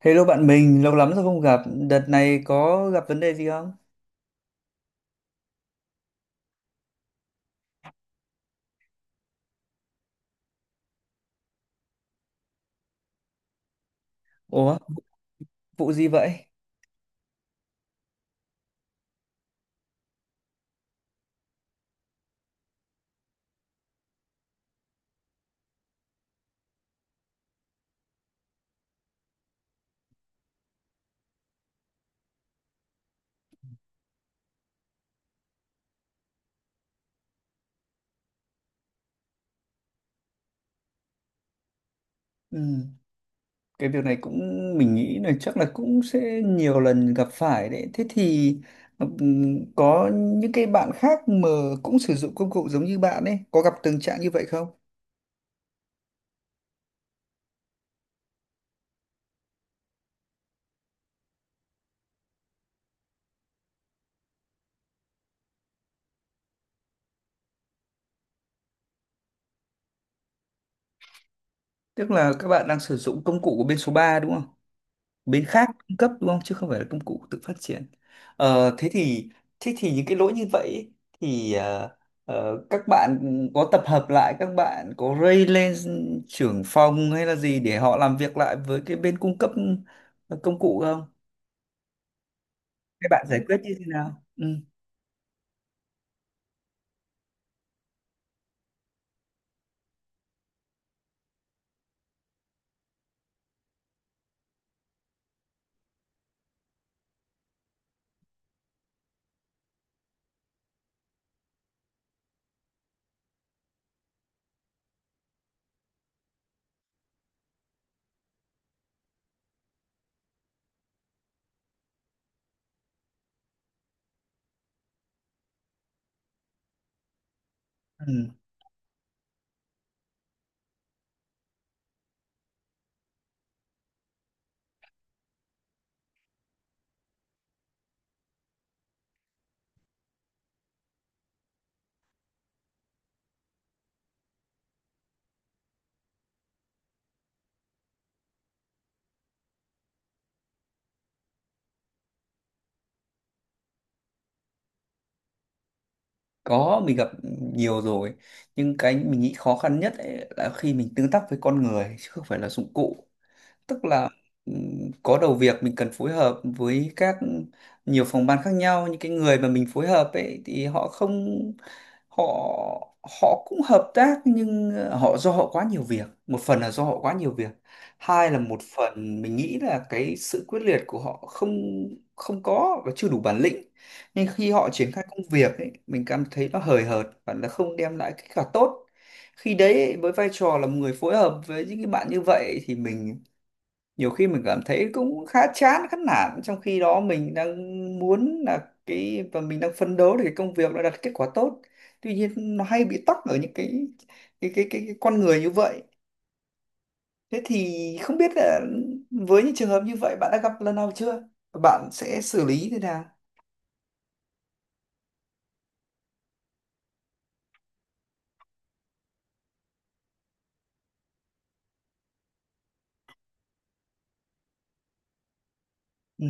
Hello bạn mình, lâu lắm rồi không gặp. Đợt này có gặp vấn đề gì không? Ủa, vụ gì vậy? Ừ, cái việc này cũng mình nghĩ là chắc là cũng sẽ nhiều lần gặp phải đấy. Thế thì ừm, có những cái bạn khác mà cũng sử dụng công cụ giống như bạn ấy, có gặp tình trạng như vậy không? Tức là các bạn đang sử dụng công cụ của bên số 3 đúng không? Bên khác cung cấp đúng không chứ không phải là công cụ tự phát triển. Ờ, thế thì thế thì những cái lỗi như vậy ấy, thì các bạn có tập hợp lại, các bạn có raise lên trưởng phòng hay là gì để họ làm việc lại với cái bên cung cấp công cụ không, các bạn giải quyết như thế nào? Ừ. Ừ, có mình gặp nhiều rồi, nhưng cái mình nghĩ khó khăn nhất ấy là khi mình tương tác với con người chứ không phải là dụng cụ. Tức là có đầu việc mình cần phối hợp với nhiều phòng ban khác nhau, những cái người mà mình phối hợp ấy thì họ không họ họ cũng hợp tác, nhưng họ do họ quá nhiều việc, một phần là do họ quá nhiều việc, hai là một phần mình nghĩ là cái sự quyết liệt của họ không không có và chưa đủ bản lĩnh, nên khi họ triển khai công việc ấy, mình cảm thấy nó hời hợt và nó không đem lại kết quả tốt. Khi đấy ấy, với vai trò là một người phối hợp với những cái bạn như vậy thì mình nhiều khi mình cảm thấy cũng khá chán khá nản, trong khi đó mình đang muốn là cái và mình đang phấn đấu để cái công việc nó đạt kết quả tốt, tuy nhiên nó hay bị tắc ở những cái con người như vậy. Thế thì không biết là với những trường hợp như vậy bạn đã gặp lần nào chưa, bạn sẽ xử lý thế nào? Ừ.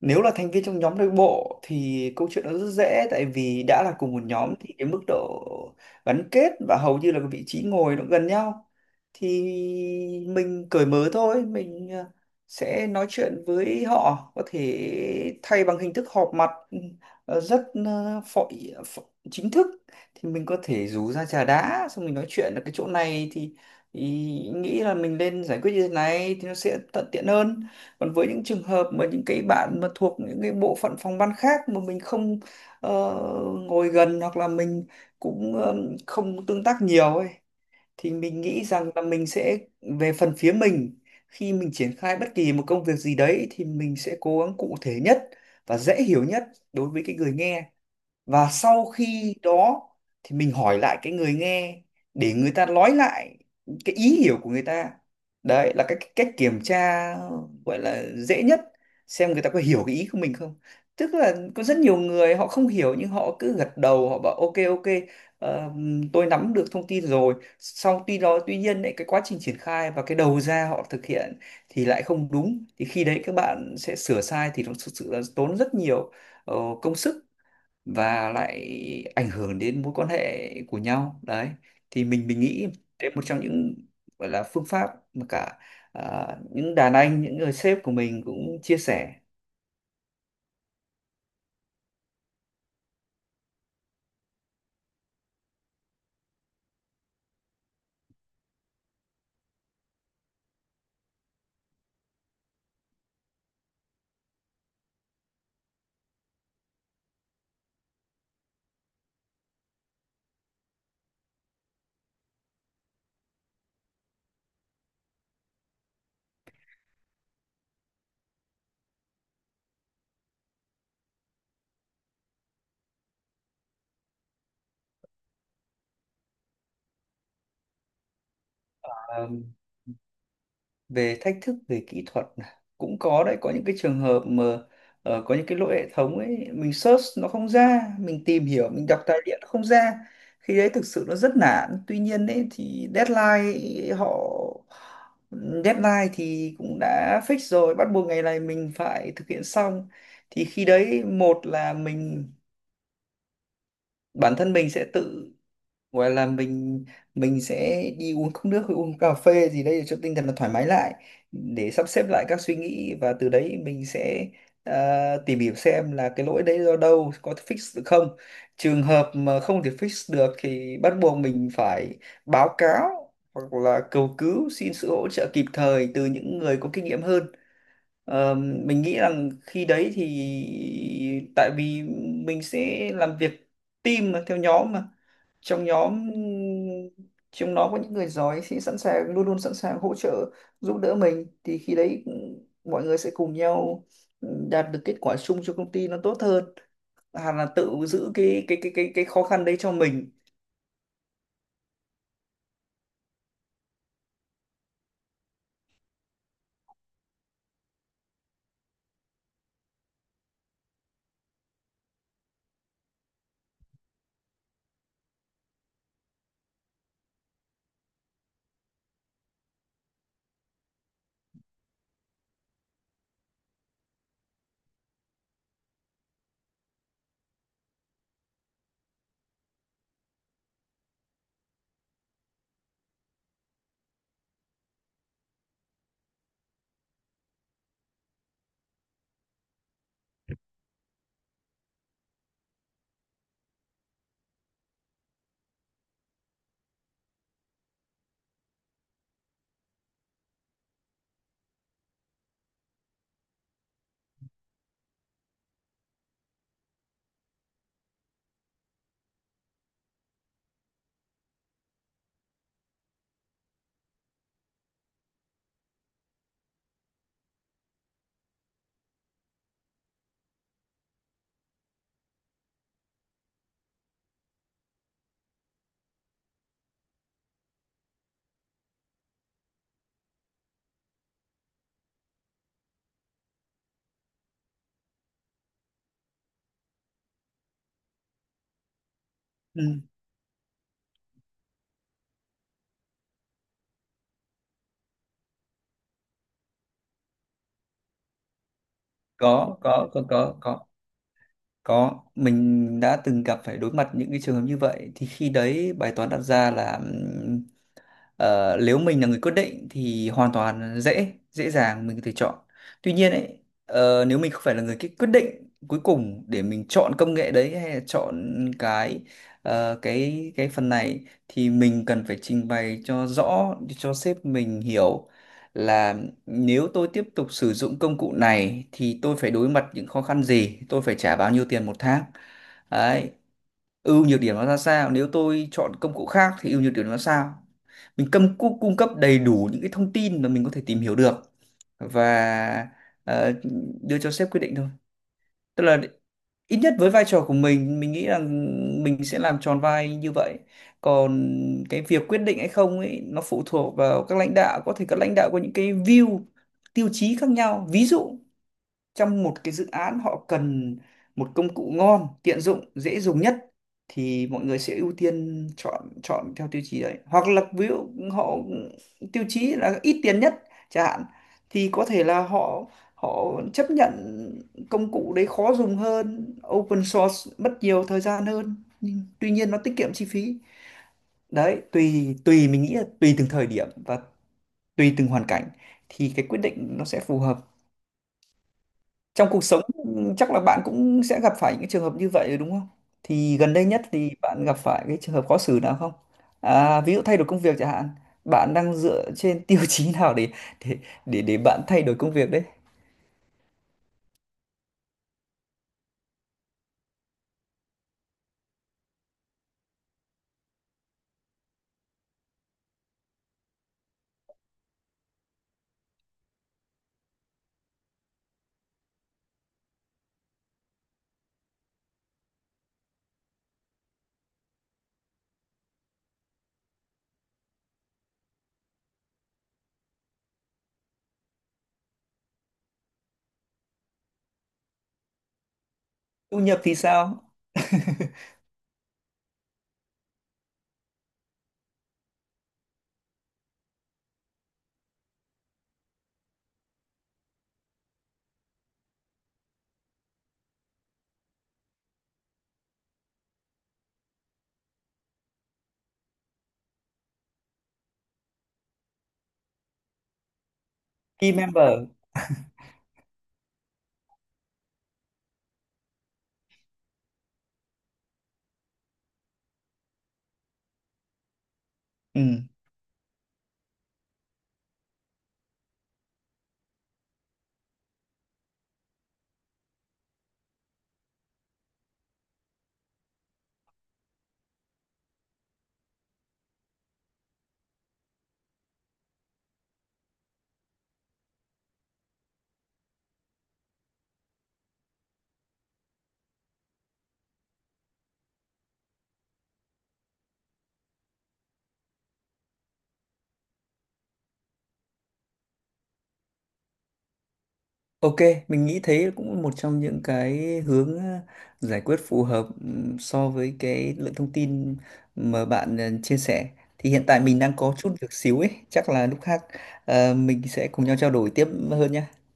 Nếu là thành viên trong nhóm nội bộ thì câu chuyện nó rất dễ, tại vì đã là cùng một nhóm thì cái mức độ gắn kết và hầu như là cái vị trí ngồi nó gần nhau, thì mình cởi mở thôi, mình sẽ nói chuyện với họ. Có thể thay bằng hình thức họp mặt rất ờ, phỏ, phỏ, chính thức, thì mình có thể rủ ra trà đá xong mình nói chuyện ở cái chỗ này, thì nghĩ là mình nên giải quyết như thế này thì nó sẽ thuận tiện hơn. Còn với những trường hợp mà những cái bạn mà thuộc những cái bộ phận phòng ban khác mà mình không ờ, ngồi gần hoặc là mình cũng không tương tác nhiều ấy, thì mình nghĩ rằng là mình sẽ về phần phía mình, khi mình triển khai bất kỳ một công việc gì đấy thì mình sẽ cố gắng cụ thể nhất và dễ hiểu nhất đối với cái người nghe, và sau khi đó thì mình hỏi lại cái người nghe để người ta nói lại cái ý hiểu của người ta. Đấy là cái cách kiểm tra gọi là dễ nhất xem người ta có hiểu cái ý của mình không. Tức là có rất nhiều người họ không hiểu nhưng họ cứ gật đầu họ bảo ok ok, ờ, tôi nắm được thông tin rồi sau tuy đó, tuy nhiên lại cái quá trình triển khai và cái đầu ra họ thực hiện thì lại không đúng, thì khi đấy các bạn sẽ sửa sai thì nó thực sự là tốn rất nhiều ờ, công sức và lại ảnh hưởng đến mối quan hệ của nhau đấy. Thì mình nghĩ đấy một trong những gọi là phương pháp mà cả à, những đàn anh, những người sếp của mình cũng chia sẻ. Về thách thức về kỹ thuật cũng có đấy, có những cái trường hợp mà có những cái lỗi hệ thống ấy mình search nó không ra, mình tìm hiểu mình đọc tài liệu nó không ra, khi đấy thực sự nó rất nản. Tuy nhiên ấy thì deadline thì cũng đã fix rồi, bắt buộc ngày này mình phải thực hiện xong, thì khi đấy một là mình bản thân mình sẽ tự gọi là mình sẽ đi uống cốc nước hay uống cà phê gì đấy để cho tinh thần nó thoải mái lại, để sắp xếp lại các suy nghĩ và từ đấy mình sẽ ờ, tìm hiểu xem là cái lỗi đấy do đâu, có thể fix được không. Trường hợp mà không thể fix được thì bắt buộc mình phải báo cáo hoặc là cầu cứu xin sự hỗ trợ kịp thời từ những người có kinh nghiệm hơn. Ờ, mình nghĩ rằng khi đấy thì tại vì mình sẽ làm việc team mà, theo nhóm mà, trong nhóm trong nó có những người giỏi sẽ sẵn sàng luôn luôn sẵn sàng hỗ trợ giúp đỡ mình, thì khi đấy mọi người sẽ cùng nhau đạt được kết quả chung cho công ty nó tốt hơn hẳn là tự giữ cái khó khăn đấy cho mình. Ừ. có, có, mình đã từng gặp phải đối mặt những cái trường hợp như vậy, thì khi đấy bài toán đặt ra là nếu mình là người quyết định thì hoàn toàn dễ dàng mình có thể chọn. Tuy nhiên ấy, nếu mình không phải là người cái quyết định cuối cùng để mình chọn công nghệ đấy hay là chọn cái cái phần này thì mình cần phải trình bày cho rõ cho sếp mình hiểu là nếu tôi tiếp tục sử dụng công cụ này thì tôi phải đối mặt những khó khăn gì? Tôi phải trả bao nhiêu tiền một tháng? Đấy. Ưu nhược điểm nó ra sao? Nếu tôi chọn công cụ khác thì ưu nhược điểm nó ra sao? Mình cung cung cung cấp đầy đủ những cái thông tin mà mình có thể tìm hiểu được và ờ, đưa cho sếp quyết định thôi. Tức là ít nhất với vai trò của mình nghĩ rằng mình sẽ làm tròn vai như vậy, còn cái việc quyết định hay không ấy nó phụ thuộc vào các lãnh đạo. Có thể các lãnh đạo có những cái view tiêu chí khác nhau, ví dụ trong một cái dự án họ cần một công cụ ngon, tiện dụng, dễ dùng nhất thì mọi người sẽ ưu tiên chọn chọn theo tiêu chí đấy. Hoặc là ví dụ họ tiêu chí là ít tiền nhất chẳng hạn, thì có thể là họ họ chấp nhận công cụ đấy khó dùng hơn, open source mất nhiều thời gian hơn nhưng tuy nhiên nó tiết kiệm chi phí. Đấy, tùy tùy mình nghĩ là tùy từng thời điểm và tùy từng hoàn cảnh thì cái quyết định nó sẽ phù hợp trong cuộc sống. Chắc là bạn cũng sẽ gặp phải những trường hợp như vậy đúng không? Thì gần đây nhất thì bạn gặp phải cái trường hợp khó xử nào không? À, ví dụ thay đổi công việc chẳng hạn, bạn đang dựa trên tiêu chí nào để để để bạn thay đổi công việc đấy? Thu nhập thì sao? Team member. Ừ. Ok, mình nghĩ thế cũng một trong những cái hướng giải quyết phù hợp so với cái lượng thông tin mà bạn chia sẻ. Thì hiện tại mình đang có chút việc xíu ấy, chắc là lúc khác mình sẽ cùng nhau trao đổi tiếp hơn nhé.